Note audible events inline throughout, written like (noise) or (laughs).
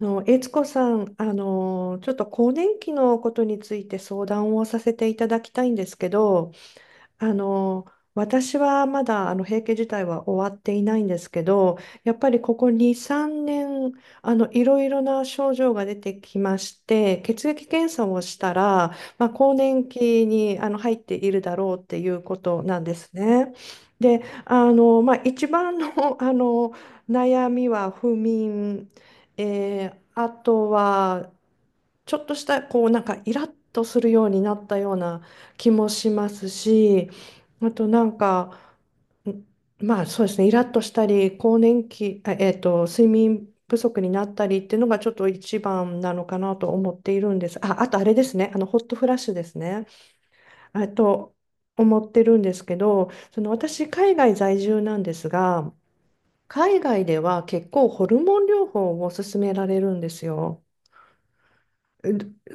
悦子さん、ちょっと更年期のことについて相談をさせていただきたいんですけど、あの、私はまだ閉経自体は終わっていないんですけど、やっぱりここ2、3年、いろいろな症状が出てきまして、血液検査をしたら、まあ、更年期に入っているだろうっていうことなんですね。で、まあ、一番の、あの悩みは不眠、あとは、ちょっとしたこうなんかイラッとするようになったような気もしますし、あとなんか、んまあそうですね、イラッとしたり、更年期、睡眠不足になったりっていうのがちょっと一番なのかなと思っているんです。あ、あとあれですね、ホットフラッシュですね。えっと、思ってるんですけど、その私、海外在住なんですが、海外では結構ホルモン療法を勧められるんですよ。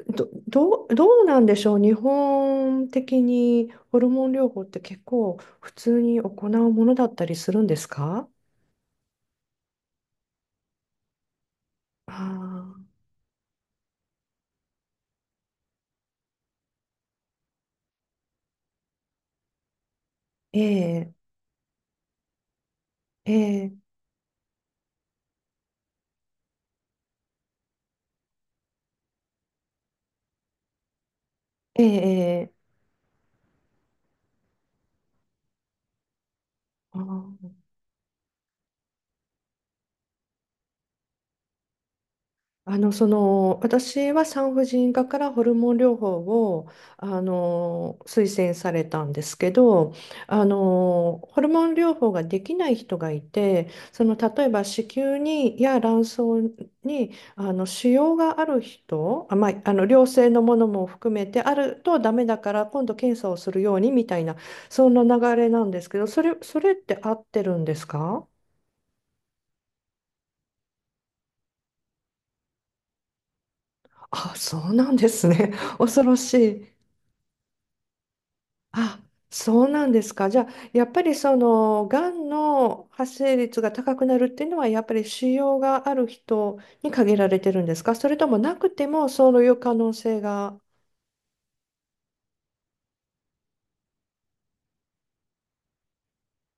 どうなんでしょうね。日本的にホルモン療法って結構普通に行うものだったりするんですか？ああ、ー、ええ、ええ、ええ、ええ、あー。その、私は産婦人科からホルモン療法を、推薦されたんですけど、ホルモン療法ができない人がいて、その、例えば子宮に、や卵巣に、腫瘍がある人、あ、まあ、良性のものも含めて、あるとダメだから、今度検査をするように、みたいな、そんな流れなんですけど、それって合ってるんですか？ (laughs) あ、そうなんですね。(laughs) 恐ろしい。あ、そうなんですか。じゃあ、やっぱりその、がんの発生率が高くなるっていうのは、やっぱり腫瘍がある人に限られてるんですか？それともなくても、そういう可能性が。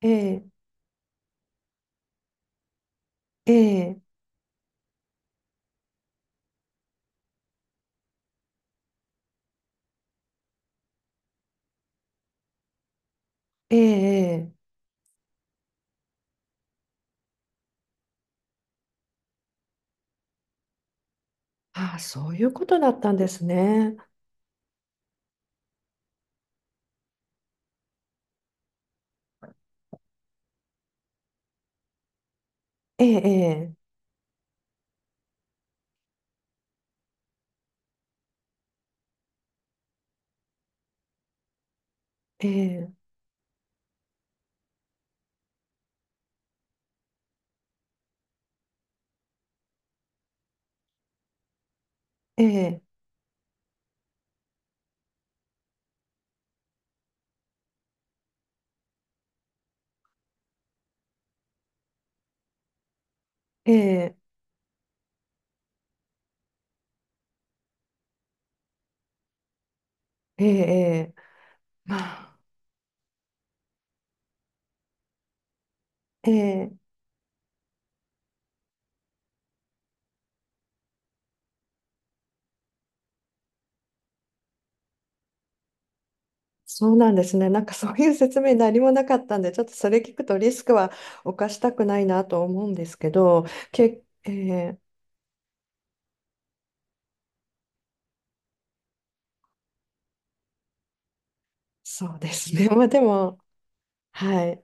ええ、ええ、ええ、ええ。ああ、そういうことだったんですね。ええ、ええ、ええ、ええ、ええ、ええ、ええ、まあ、ええ。そうなんですね。なんかそういう説明何もなかったんで、ちょっとそれ聞くとリスクは犯したくないなと思うんですけど、け、えーそうですね。(laughs) まあでも、はい。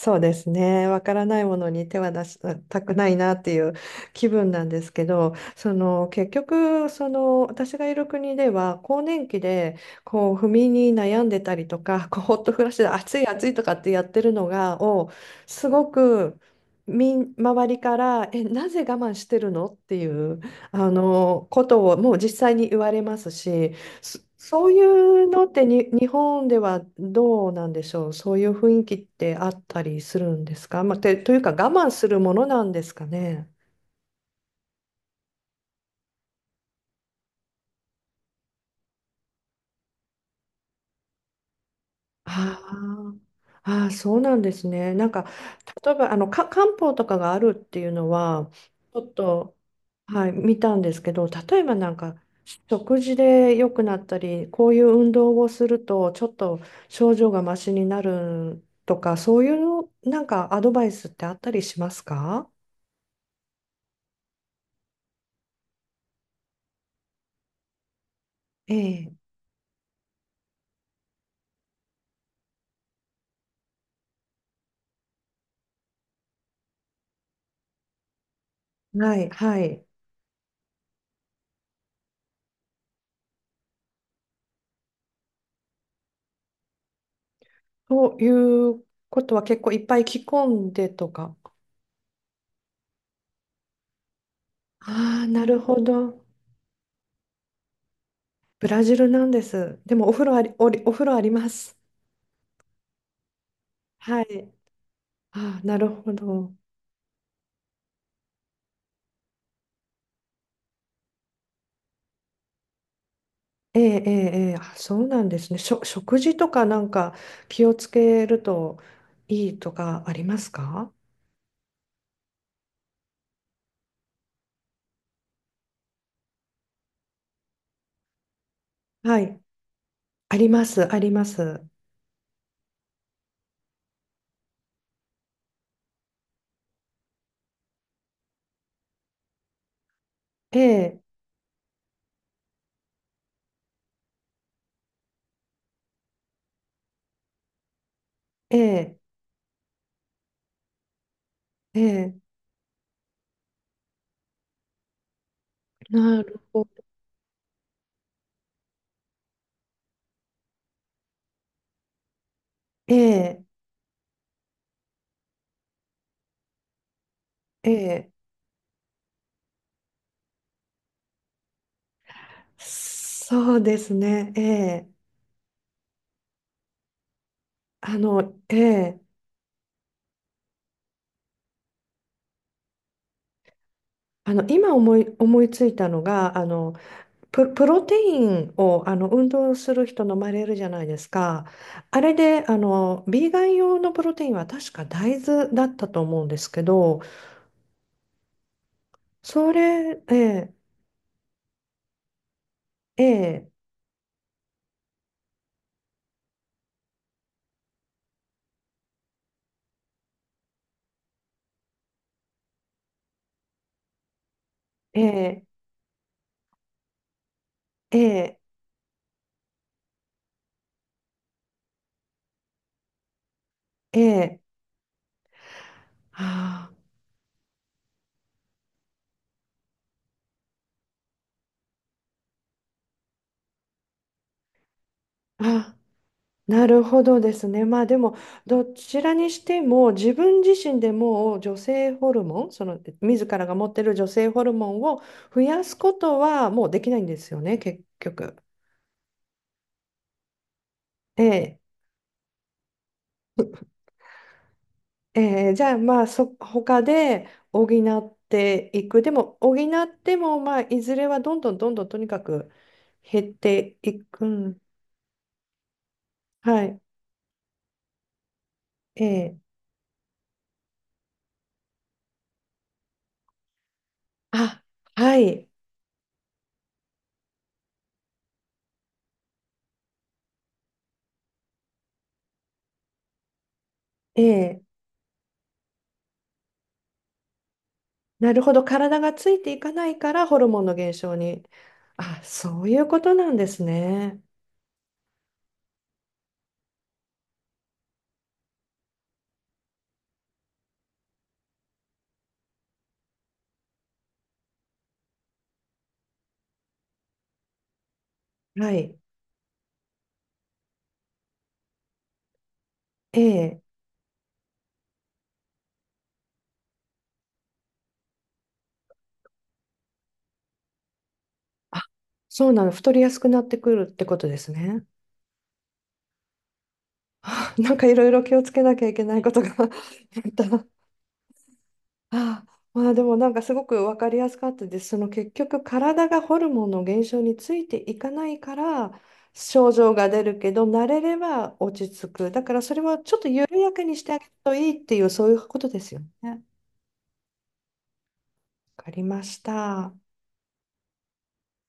そうですね。わからないものに手は出したくないなっていう気分なんですけど、その結局、その私がいる国では、更年期でこう不眠に悩んでたりとか、こうホットフラッシュで暑い暑いとかってやってるのが、すごく周りから、え、なぜ我慢してるのっていうあのことをもう実際に言われますし、そういうのってに日本ではどうなんでしょう。そういう雰囲気ってあったりするんですか。まあ、というか我慢するものなんですかね。あー、あー、そうなんですね。なんか例えばあのか漢方とかがあるっていうのはちょっと、はい、見たんですけど、例えばなんか食事で良くなったり、こういう運動をするとちょっと症状がマシになるとか、そういうなんかアドバイスってあったりしますか？ええ、はい、はい。ということは結構いっぱい着込んでとか。ああ、なるほど。ブラジルなんです。でもお風呂あります。はい。ああ、なるほど。ええ、ええ、ええ。あ、そうなんですね。食事とかなんか気をつけるといいとかありますか？はい。あります、あります。ええ、ええ、ええ、なるほど。ええ、ええ、そうですね。ええ。ええ、今思い、思いついたのが、プロテインを、運動する人飲まれるじゃないですか。あれで、ビーガン用のプロテインは確か大豆だったと思うんですけど、それ、ええ、ええ、ええ、ええ、ええ、ああ、あ。なるほどですね。まあでも、どちらにしても自分自身でもう女性ホルモン、その自らが持ってる女性ホルモンを増やすことはもうできないんですよね、結局。ええ、ええ、じゃあまあ他で補っていく。でも補ってもまあいずれはどんどんどんどんとにかく減っていく。うん。はい。ええ。あ、はい。ええ。なるほど、体がついていかないからホルモンの減少に。あ、そういうことなんですね。はい。ええ。あ、そうなの。太りやすくなってくるってことですね。あ、なんかいろいろ気をつけなきゃいけないことが (laughs) あった。あ、まあでもなんかすごく分かりやすかったです。その結局体がホルモンの減少についていかないから症状が出るけど慣れれば落ち着く。だからそれはちょっと緩やかにしてあげるといいっていうそういうことですよね。わかりました。